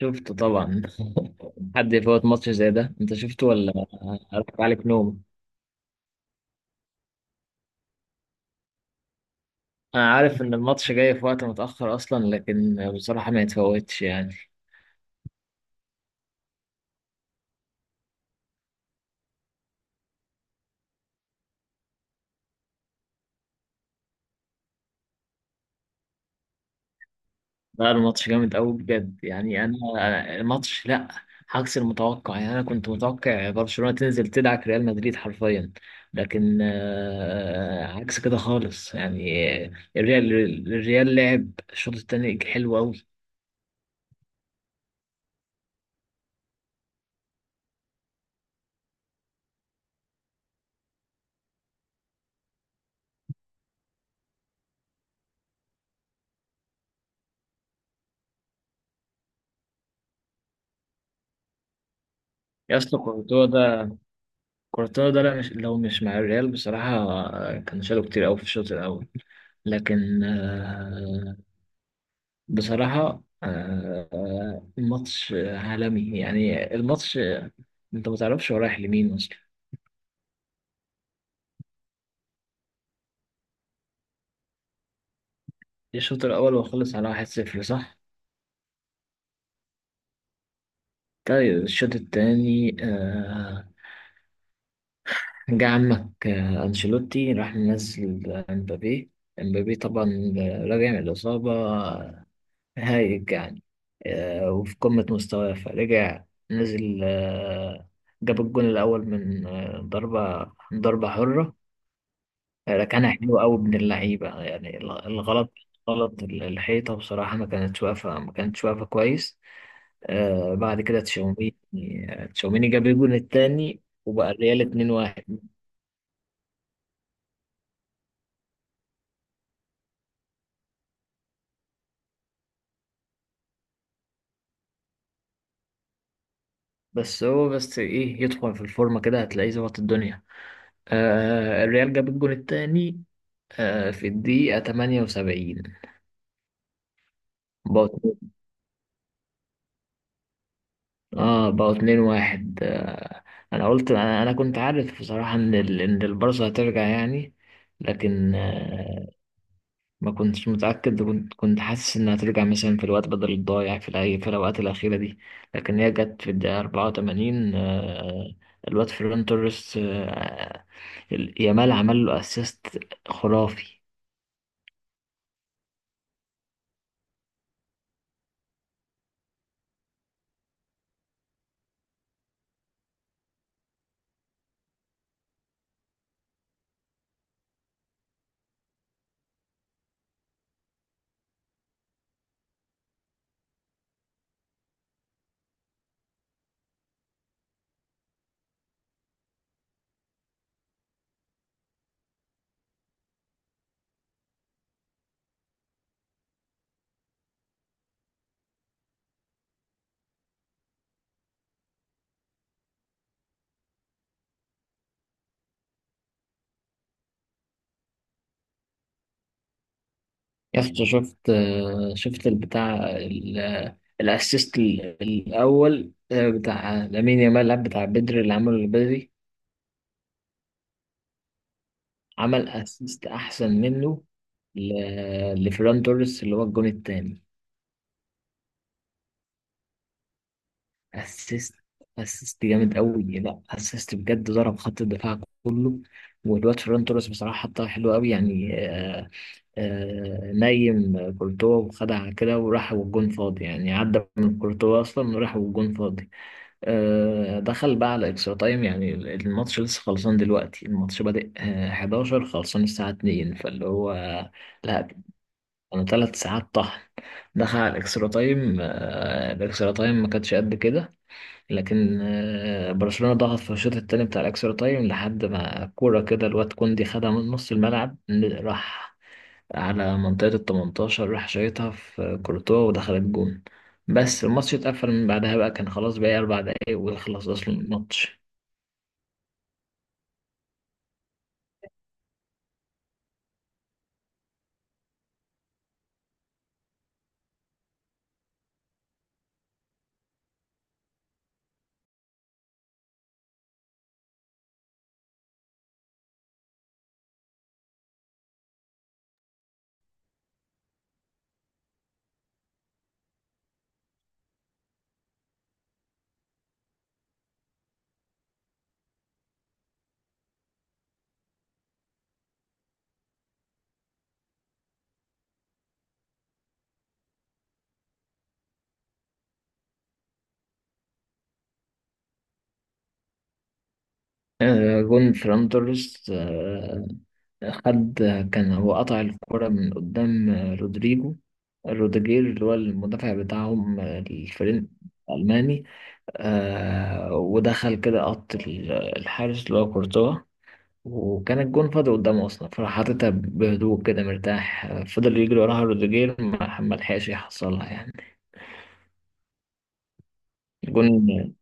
شفته طبعا. حد يفوت ماتش زي ده؟ انت شفته ولا؟ اركب عليك نوم. انا عارف ان الماتش جاي في وقت متأخر اصلا، لكن بصراحة ما يتفوتش يعني. لا، الماتش جامد قوي بجد يعني، أنا الماتش لا. عكس المتوقع يعني، انا كنت متوقع برشلونة تنزل تدعك ريال مدريد حرفيا. لكن عكس كده خالص يعني. الريال الريال لعب الشوط الثاني حلو قوي. يا اسطى كورتوا ده. كورتوا ده، لا مش، لو مش مع الريال بصراحة كان شاله كتير أوي في الشوط الأول. لكن بصراحة الماتش عالمي يعني. الماتش أنت متعرفش هو رايح لمين أصلا. الشوط الأول وخلص على واحد صفر صح؟ طيب الشوط التاني جه عمك أنشيلوتي راح منزل امبابي. امبابي طبعا راجع من الإصابة، هايج يعني. وفي قمة مستواه فرجع، نزل جاب الجون الأول من ضربة حرة. كان حلو قوي من اللعيبة يعني. الغلط، غلط الحيطة بصراحة. ما كانتش واقفة كويس. بعد كده تشاوميني. تشاوميني جاب الجون التاني وبقى الريال 2-1. بس إيه، يدخل في الفورمة كده هتلاقيه ظبط الدنيا. الريال جاب الجون التاني في الدقيقة 78. بقوا اتنين- اه بقوا اتنين واحد. انا قلت، أنا كنت عارف بصراحة ان ان البارسا هترجع يعني. لكن ما كنتش متأكد، كنت حاسس انها هترجع مثلا في الوقت بدل الضايع، في في الاوقات الأخيرة دي. لكن هي جت في الدقيقة 84. الواد فيران توريس يامال عمل له اسيست خرافي. يا اسطى، شفت؟ شفت البتاع الاسيست الاول بتاع لامين يامال؟ لا، بتاع بدري اللي عمله. البدري عمل اسيست احسن منه لفيران توريس اللي هو الجون الثاني. اسيست، اسيست جامد قوي. لا اسيست بجد، ضرب خط الدفاع كله. والواد فيران توريس بصراحه حطها حلوه قوي يعني. نايم كورتوا وخدع كده وراح والجون فاضي. يعني عدى من كورتوا اصلا وراح والجون فاضي. دخل بقى على اكسترا تايم. يعني الماتش لسه خلصان دلوقتي. الماتش بادئ 11، خلصان الساعة 2، فاللي هو لا، كانوا ثلاث ساعات طحن. دخل على الاكسترا تايم. الاكسترا تايم ما كانش قد كده، لكن برشلونة ضغط في الشوط التاني بتاع الاكسترا تايم، لحد ما كورة كده الواد كوندي خدها من نص الملعب، راح على منطقة ال 18، راح شايطها في كورتوا ودخلت جون. بس الماتش اتقفل من بعدها بقى، كان خلاص باقي أربع دقايق ويخلص أصلا الماتش. جون فران توريس خد، كان هو قطع الكرة من قدام رودريجو، روديجير اللي هو المدافع بتاعهم الفريق الألماني. ودخل كده قط الحارس اللي هو كورتوا، وكان الجون فاضي قدامه اصلا، فراح حاططها بهدوء كده مرتاح. فضل يجري وراها روديجير، ما لحقش يحصلها يعني. الجون.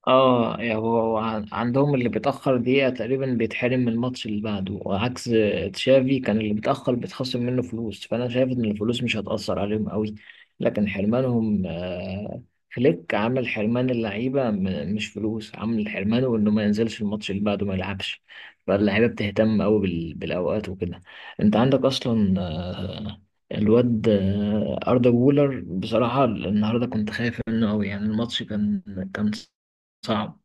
اه يعني هو عندهم اللي بيتأخر دقيقة تقريبا بيتحرم من الماتش اللي بعده. وعكس تشافي، كان اللي بيتأخر بيتخصم منه فلوس. فأنا شايف إن الفلوس مش هتأثر عليهم قوي، لكن حرمانهم فليك عامل حرمان اللعيبة، مش فلوس. عامل حرمانه إنه ما ينزلش الماتش اللي بعده، ما يلعبش. فاللعيبة بتهتم قوي بالأوقات وكده. أنت عندك أصلا الواد أردا جولر، بصراحة النهاردة كنت خايف منه قوي يعني. الماتش كان، كان صعب.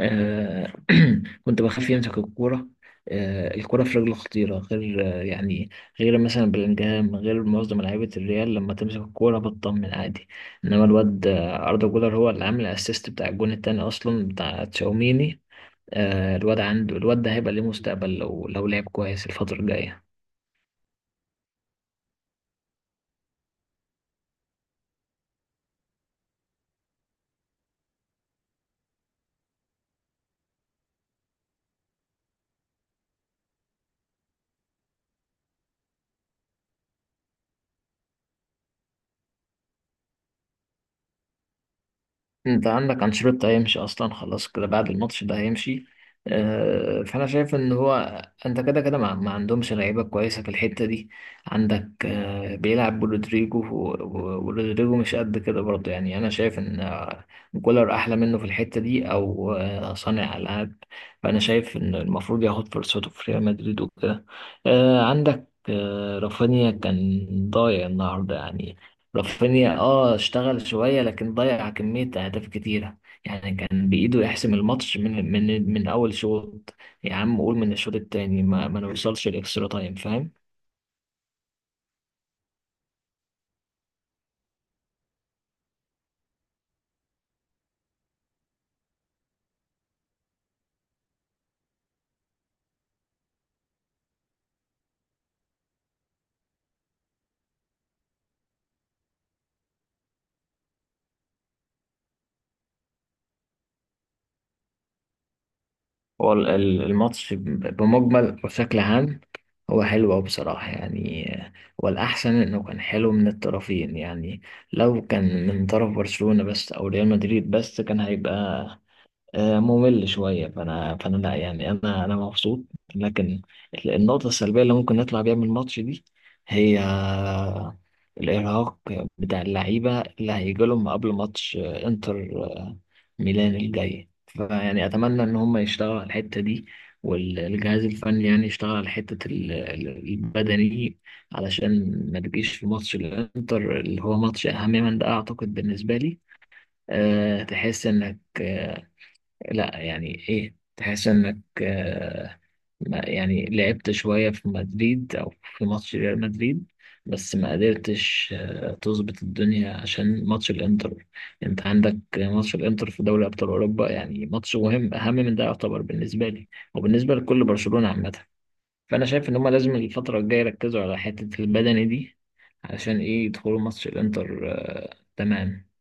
آه كنت بخاف يمسك الكورة. الكورة في رجله خطيرة، غير يعني غير مثلا بلينجهام، غير معظم لعيبة الريال لما تمسك الكورة بتطمن عادي. إنما الواد أردا جولر هو اللي عامل الأسيست بتاع الجون التاني أصلا، بتاع تشاوميني. الواد ده هيبقى ليه مستقبل لو لعب كويس الفترة الجاية. انت عندك انشيلوتي هيمشي اصلا، خلاص كده بعد الماتش ده هيمشي. فانا شايف ان هو، انت كده كده ما عندهمش لعيبه كويسه في الحته دي. عندك بيلعب برودريجو ورودريجو مش قد كده برضه يعني. انا شايف ان كولر احلى منه في الحته دي، او صانع العاب. فانا شايف ان المفروض ياخد فرصته في ريال مدريد وكده. عندك رافينيا كان ضايع النهارده يعني. رافينيا اشتغل شوية لكن ضيع كمية أهداف كتيرة. يعني كان بإيده يحسم الماتش من أول شوط. يا عم قول من الشوط التاني، ما نوصلش الإكسترا تايم، فاهم؟ هو الماتش بمجمل وشكل عام هو حلو أوي بصراحة يعني. والأحسن إنه كان حلو من الطرفين يعني. لو كان من طرف برشلونة بس أو ريال مدريد بس كان هيبقى ممل شوية. فأنا لا يعني، أنا مبسوط. لكن النقطة السلبية اللي ممكن نطلع بيها من الماتش دي هي الإرهاق بتاع اللعيبة اللي هيجي لهم قبل ماتش إنتر ميلان الجاي. فيعني أتمنى إن هم يشتغلوا على الحتة دي، والجهاز الفني يعني يشتغل على حتة البدني، علشان ما تجيش في ماتش الإنتر اللي هو ماتش أهم من ده أعتقد بالنسبة لي. تحس إنك لا يعني ايه، تحس انك آه، ما يعني لعبت شوية في مدريد او في ماتش ريال مدريد، بس ما قدرتش تظبط الدنيا عشان ماتش الانتر. انت عندك ماتش الانتر في دوري ابطال اوروبا، يعني ماتش مهم اهم من ده يعتبر بالنسبة لي وبالنسبة لكل برشلونة عامة. فانا شايف ان هما لازم الفترة الجاية يركزوا على حتة البدني دي، علشان ايه؟ يدخلوا ماتش الانتر تمام.